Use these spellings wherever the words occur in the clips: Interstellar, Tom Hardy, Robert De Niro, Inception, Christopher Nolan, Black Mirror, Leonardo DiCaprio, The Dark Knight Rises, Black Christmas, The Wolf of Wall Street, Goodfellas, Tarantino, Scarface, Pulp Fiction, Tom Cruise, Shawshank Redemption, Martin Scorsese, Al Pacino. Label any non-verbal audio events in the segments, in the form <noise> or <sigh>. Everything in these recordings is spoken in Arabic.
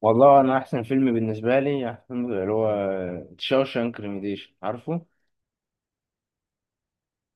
والله انا احسن فيلم بالنسبه لي احسن فيلم اللي هو شاوشانك ريميديشن عارفه.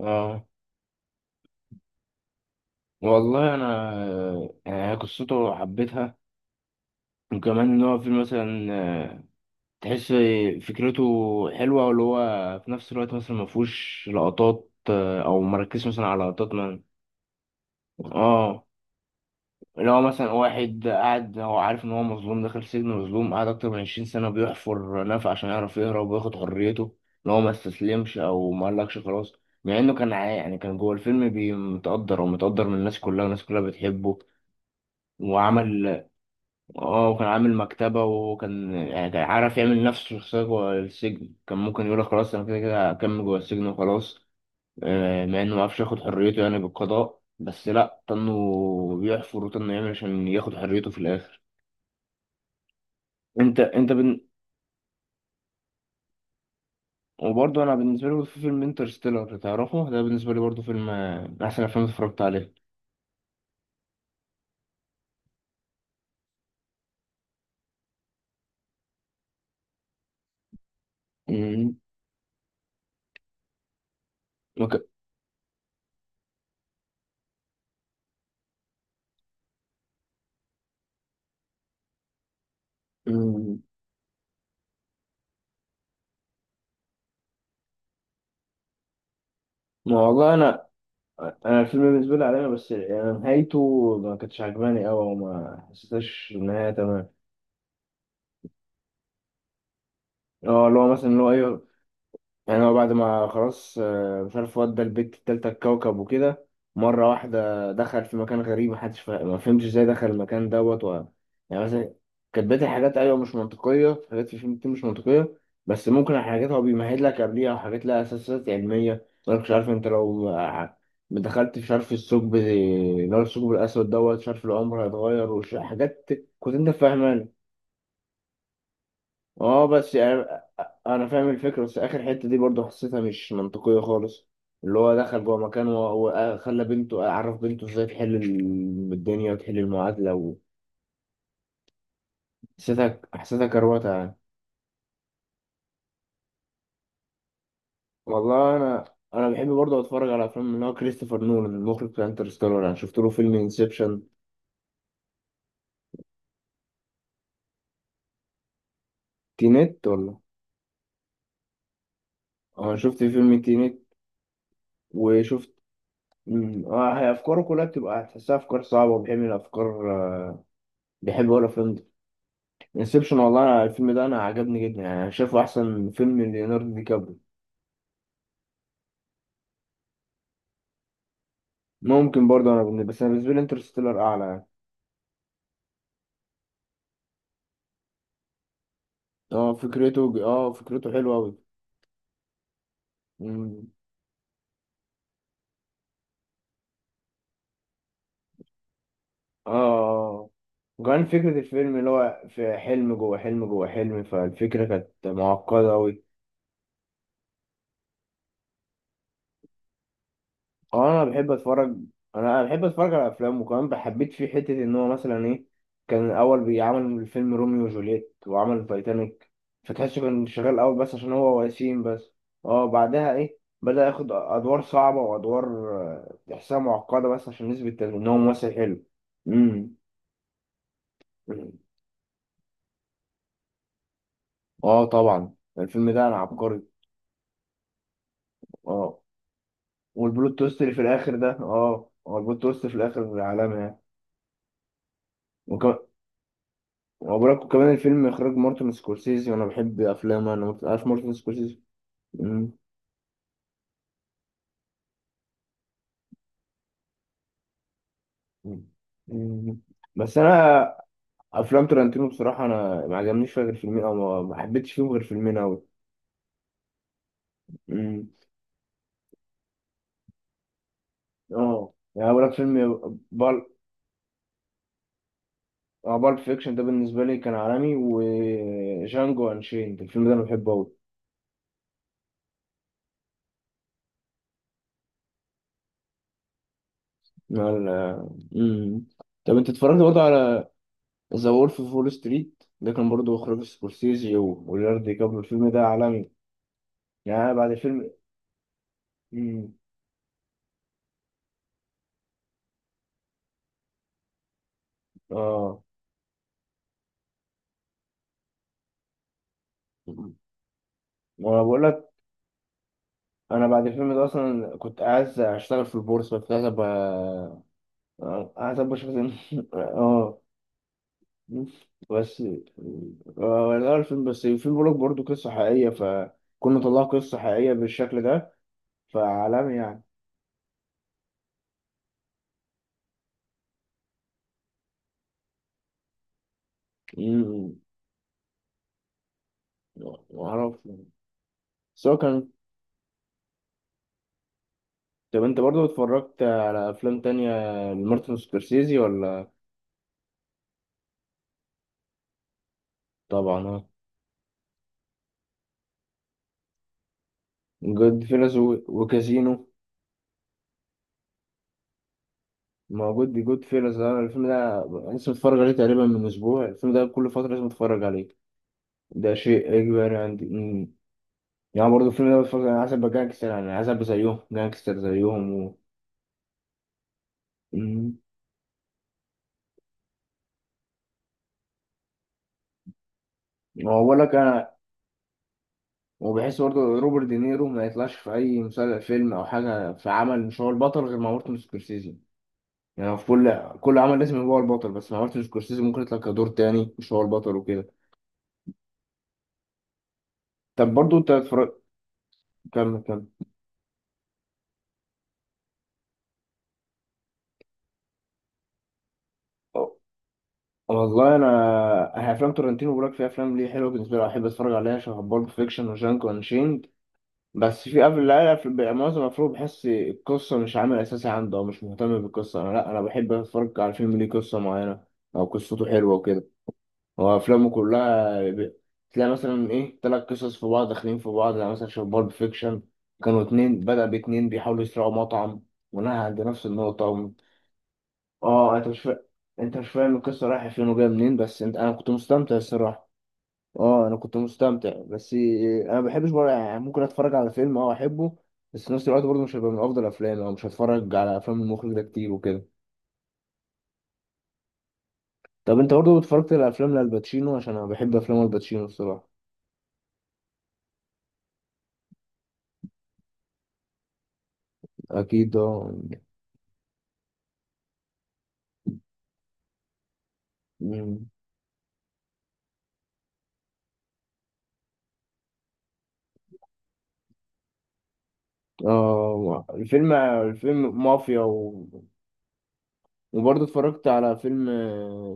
اه. والله انا قصته حبيتها. وكمان ان هو فيلم مثلا آه، تحس فكرته حلوه، واللي هو في نفس الوقت مثلا ما فيهوش لقطات او مركز مثلا على لقطات من. اه اللي هو مثلا واحد قاعد هو عارف ان هو مظلوم داخل سجن مظلوم قاعد اكتر من 20 سنة بيحفر نفق عشان يعرف يهرب وياخد حريته. ان هو ما استسلمش او ما قالكش خلاص. مع انه يعني كان جوه الفيلم متقدر ومتقدر من الناس كلها والناس كلها بتحبه وعمل. اه، وكان عامل مكتبة وكان يعني كان عارف يعمل نفسه شخصية جوه السجن. كان ممكن يقول خلاص انا كده كده هكمل جوه السجن وخلاص. مع انه ما عرفش ياخد حريته يعني بالقضاء، بس لا طنه بيحفر وطنه يعمل عشان ياخد حريته في الاخر. انت انت بن... وبرضه انا بالنسبه لي، برضه في فيلم انترستيلر تعرفه، ده بالنسبه لي برضه فيلم من احسن افلام اتفرجت عليه. أمم، وك... أمم، ما والله انا، انا الفيلم بالنسبه لي علينا، بس يعني نهايته ما كانتش عجباني قوي وما حسيتهاش ان هي تمام. اه، اللي هو مثلا اللي هو ايوه، يعني هو بعد ما خلاص مش عارف ودى البت التالتة الكوكب وكده، مرة واحدة دخل في مكان غريب محدش ما فهمش ازاي دخل المكان دوت. يعني مثلا كانت بقية الحاجات أيوة مش منطقية، حاجات في الفيلم كتير مش منطقية. بس ممكن حاجات هو بيمهد لك قبليها أو حاجات لها أساسات علمية، أنا مش عارف أنت لو ما دخلت، مش عارف الثقب اللي هو الثقب الأسود دوت، مش عارف العمر هيتغير حاجات كنت أنت فاهمها. اه، بس يعني انا فاهم الفكره، بس اخر حته دي برضه حسيتها مش منطقيه خالص. اللي هو دخل جوه مكان وهو خلى بنته، عرف بنته ازاي تحل الدنيا وتحل المعادله، وحسيتها حسيتها حسيتها كروته يعني. والله انا، انا بحب برضه اتفرج على افلام اللي هو كريستوفر نولان المخرج بتاع انترستيلر. انا شفت له فيلم انسبشن. تينت ولا. اه، شفت فيلم تينت وشفت. اه هي افكاره كلها بتبقى هتحسها افكار صعبه وبيحب الافكار، بيحب هو الافلام دي. انسبشن، والله أنا الفيلم ده انا عجبني جدا، يعني انا شايفه احسن فيلم ليوناردو دي كابري. ممكن برضه انا بالنسبه لي انترستيلر اعلى يعني. اه فكرته حلوه قوي. اه، وكان فكره الفيلم اللي هو في حلم جوه حلم جوه حلم، فالفكره كانت معقده قوي. اه، انا بحب اتفرج، انا بحب اتفرج على افلام. وكمان بحبيت فيه حته ان هو مثلا ايه، كان الاول بيعمل فيلم روميو وجولييت وعمل تايتانيك، فتحسه كان شغال الاول بس عشان هو وسيم بس. اه، بعدها ايه، بدأ ياخد ادوار صعبه وادوار تحسها معقده بس عشان نثبت ان هو ممثل حلو. امم. اه طبعا الفيلم ده انا عبقري. اه، والبلوت تويست اللي في الاخر ده، اه هو البلوت تويست في الاخر عالمي يعني. وبركو كمان الفيلم اخراج مارتن سكورسيزي وانا بحب افلامه. انا عارف مارتن سكورسيزي. مم. مم. بس انا افلام ترنتينو بصراحه انا ما عجبنيش فيها غير فيلمين، او ما حبيتش فيهم غير فيلمين قوي. اه يعني بقول لك فيلم بال اه، بالب فيكشن ده بالنسبه لي كان عالمي، وجانجو انشيند الفيلم ده انا بحبه قوي. طب انت اتفرجت برضه على ذا وولف اوف وول ستريت، ده كان برضه اخراج سكورسيزي وليوناردو دي كابريو، الفيلم ده عالمي. يعني أنا بعد الفيلم. مم. اه وانا بقول لك، انا بعد الفيلم ده اصلا كنت عايز اشتغل في البورصه، كنت عايز ابقى عايز ابقى شغل <laughs> اه. بس لا الفيلم، بس الفيلم بقول لك برضه قصه حقيقيه، فكنا طلعوا قصه حقيقيه بالشكل ده، فعالمي يعني. مم. معرفش سواء كان. طب انت برضه اتفرجت على افلام تانية لمارتن سكورسيزي ولا. طبعا اه، جود فيلس وكازينو. موجود دي جود فيلز، انا الفيلم ده لسه متفرج عليه تقريبا من اسبوع، الفيلم ده كل فتره لازم اتفرج عليه، ده شيء اجباري عندي. يعني برضه الفيلم ده بتفرج، انا عايز ابقى جانجستر يعني، عايز ابقى زيهم جانجستر زيهم. أمم. واقول لك انا، وبحس برضه روبرت دينيرو ما يطلعش في اي مسلسل فيلم او حاجه، في عمل مش هو البطل غير مع مارتن سكورسيزي، يعني هو في كل، كل عمل لازم يبقى هو البطل، بس مع مارتن سكورسيزي ممكن يطلع كدور تاني مش هو البطل وكده. طب برضه انت اتفرج، كمل كمل. والله انا، أنا افلام تورنتينو براك في افلام ليه حلوه بالنسبه لي احب اتفرج عليها، شبه بالب فيكشن وجانك وانشيند. بس في قبل لا، في معظم الافلام بحس القصه مش عامل اساسي عنده او مش مهتم بالقصه، انا لا انا بحب اتفرج على فيلم ليه قصه معينه او قصته حلوه وكده. هو افلامه كلها تلاقي مثلا ايه تلات قصص في بعض داخلين في بعض، يعني مثلا شبه بالب فيكشن كانوا اتنين، بدأ باتنين بيحاولوا يسرقوا مطعم، ونهى عند نفس النقطة. اه انت مش فا... انت مش فاهم القصه رايحه فين وجايه منين، بس انت انا كنت مستمتع الصراحه. اه انا كنت مستمتع، بس انا ما بحبش بقى يعني، ممكن اتفرج على فيلم اه احبه، بس في نفس الوقت برضه مش هيبقى من افضل افلامي، او مش هتفرج على افلام المخرج ده كتير وكده. طب انت برضه اتفرجت على افلام لالباتشينو؟ عشان انا بحب افلام الباتشينو الصراحه. اكيد اه. مم. اه الفيلم، الفيلم مافيا. وبرضه اتفرجت على فيلم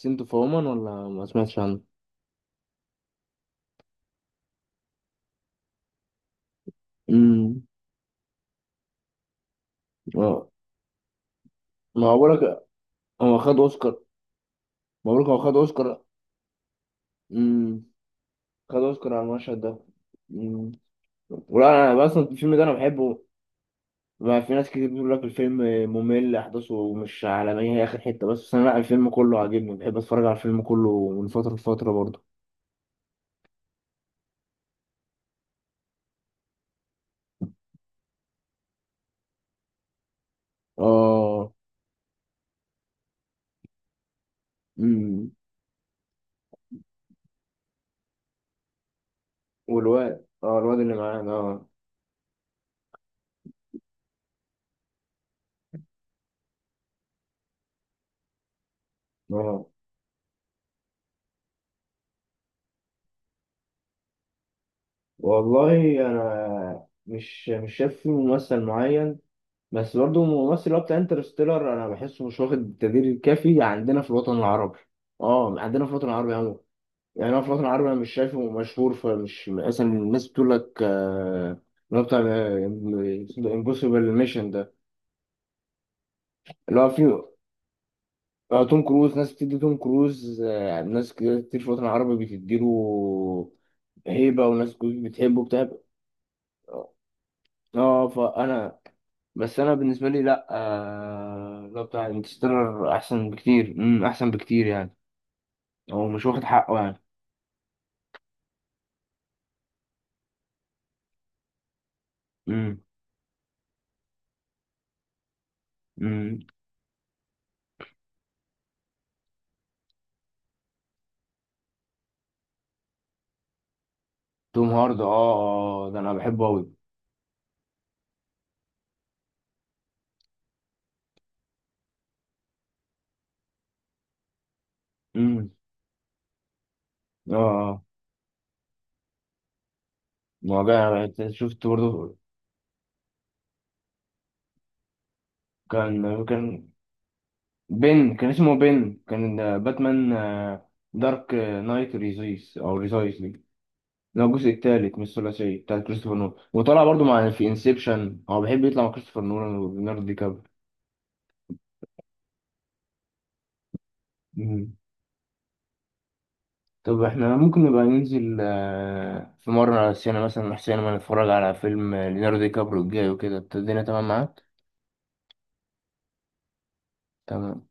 سنتو فومان ولا ما سمعتش عنه. امم. اه ما هو بقولك هو خد اوسكار. مبروك، هو خد اوسكار. امم. خد اوسكار على المشهد ده. امم. ولا انا اصلا الفيلم ده انا بحبه. ما في ناس كتير بتقول لك الفيلم ممل احداثه مش عالميه، هي اخر حته بس، بس انا لا، الفيلم كله عاجبني، بحب اتفرج على الفيلم كله من فتره لفتره برضه. اه. امم. والواد، اه الواد اللي معانا اه. اه. والله انا مش شايف فيه ممثل معين، بس برضه الممثل اللي هو بتاع انترستيلر انا بحسه مش واخد التقدير الكافي عندنا في الوطن العربي. اه عندنا في الوطن العربي عموما. يعني انا في الوطن العربي انا مش شايفه مشهور، فمش مثلا الناس بتقول لك اللي هو بتاع امبوسيبل ميشن ده. اللي هو فيه توم كروز، ناس بتدي توم كروز ناس كتير كتير في الوطن العربي بتديله هيبة، وناس كتير بتحبه بتاع. اه، فانا، بس انا بالنسبه لي لا لو بتاع انترستيلر احسن بكتير، امم، احسن بكتير يعني. هو مش واخد حقه يعني. امم. امم. توم هارد، اه اه ده انا بحبه قوي. امم. اه اه. مواجع شفت برضه. كان بن كان اسمه بن كان باتمان، دارك نايت ريزيس او ريزايس دي. ده الجزء الثالث من الثلاثيه بتاع كريستوفر نولان، وطلع برضه مع، في انسبشن، هو بيحب يطلع مع كريستوفر نولان وليوناردو دي كابريو. طب احنا ممكن نبقى ننزل في مرة على السينما، مثلا محسن ما نتفرج على فيلم ليوناردو دي كابريو الجاي وكده، الدنيا تمام معاك؟ تمام.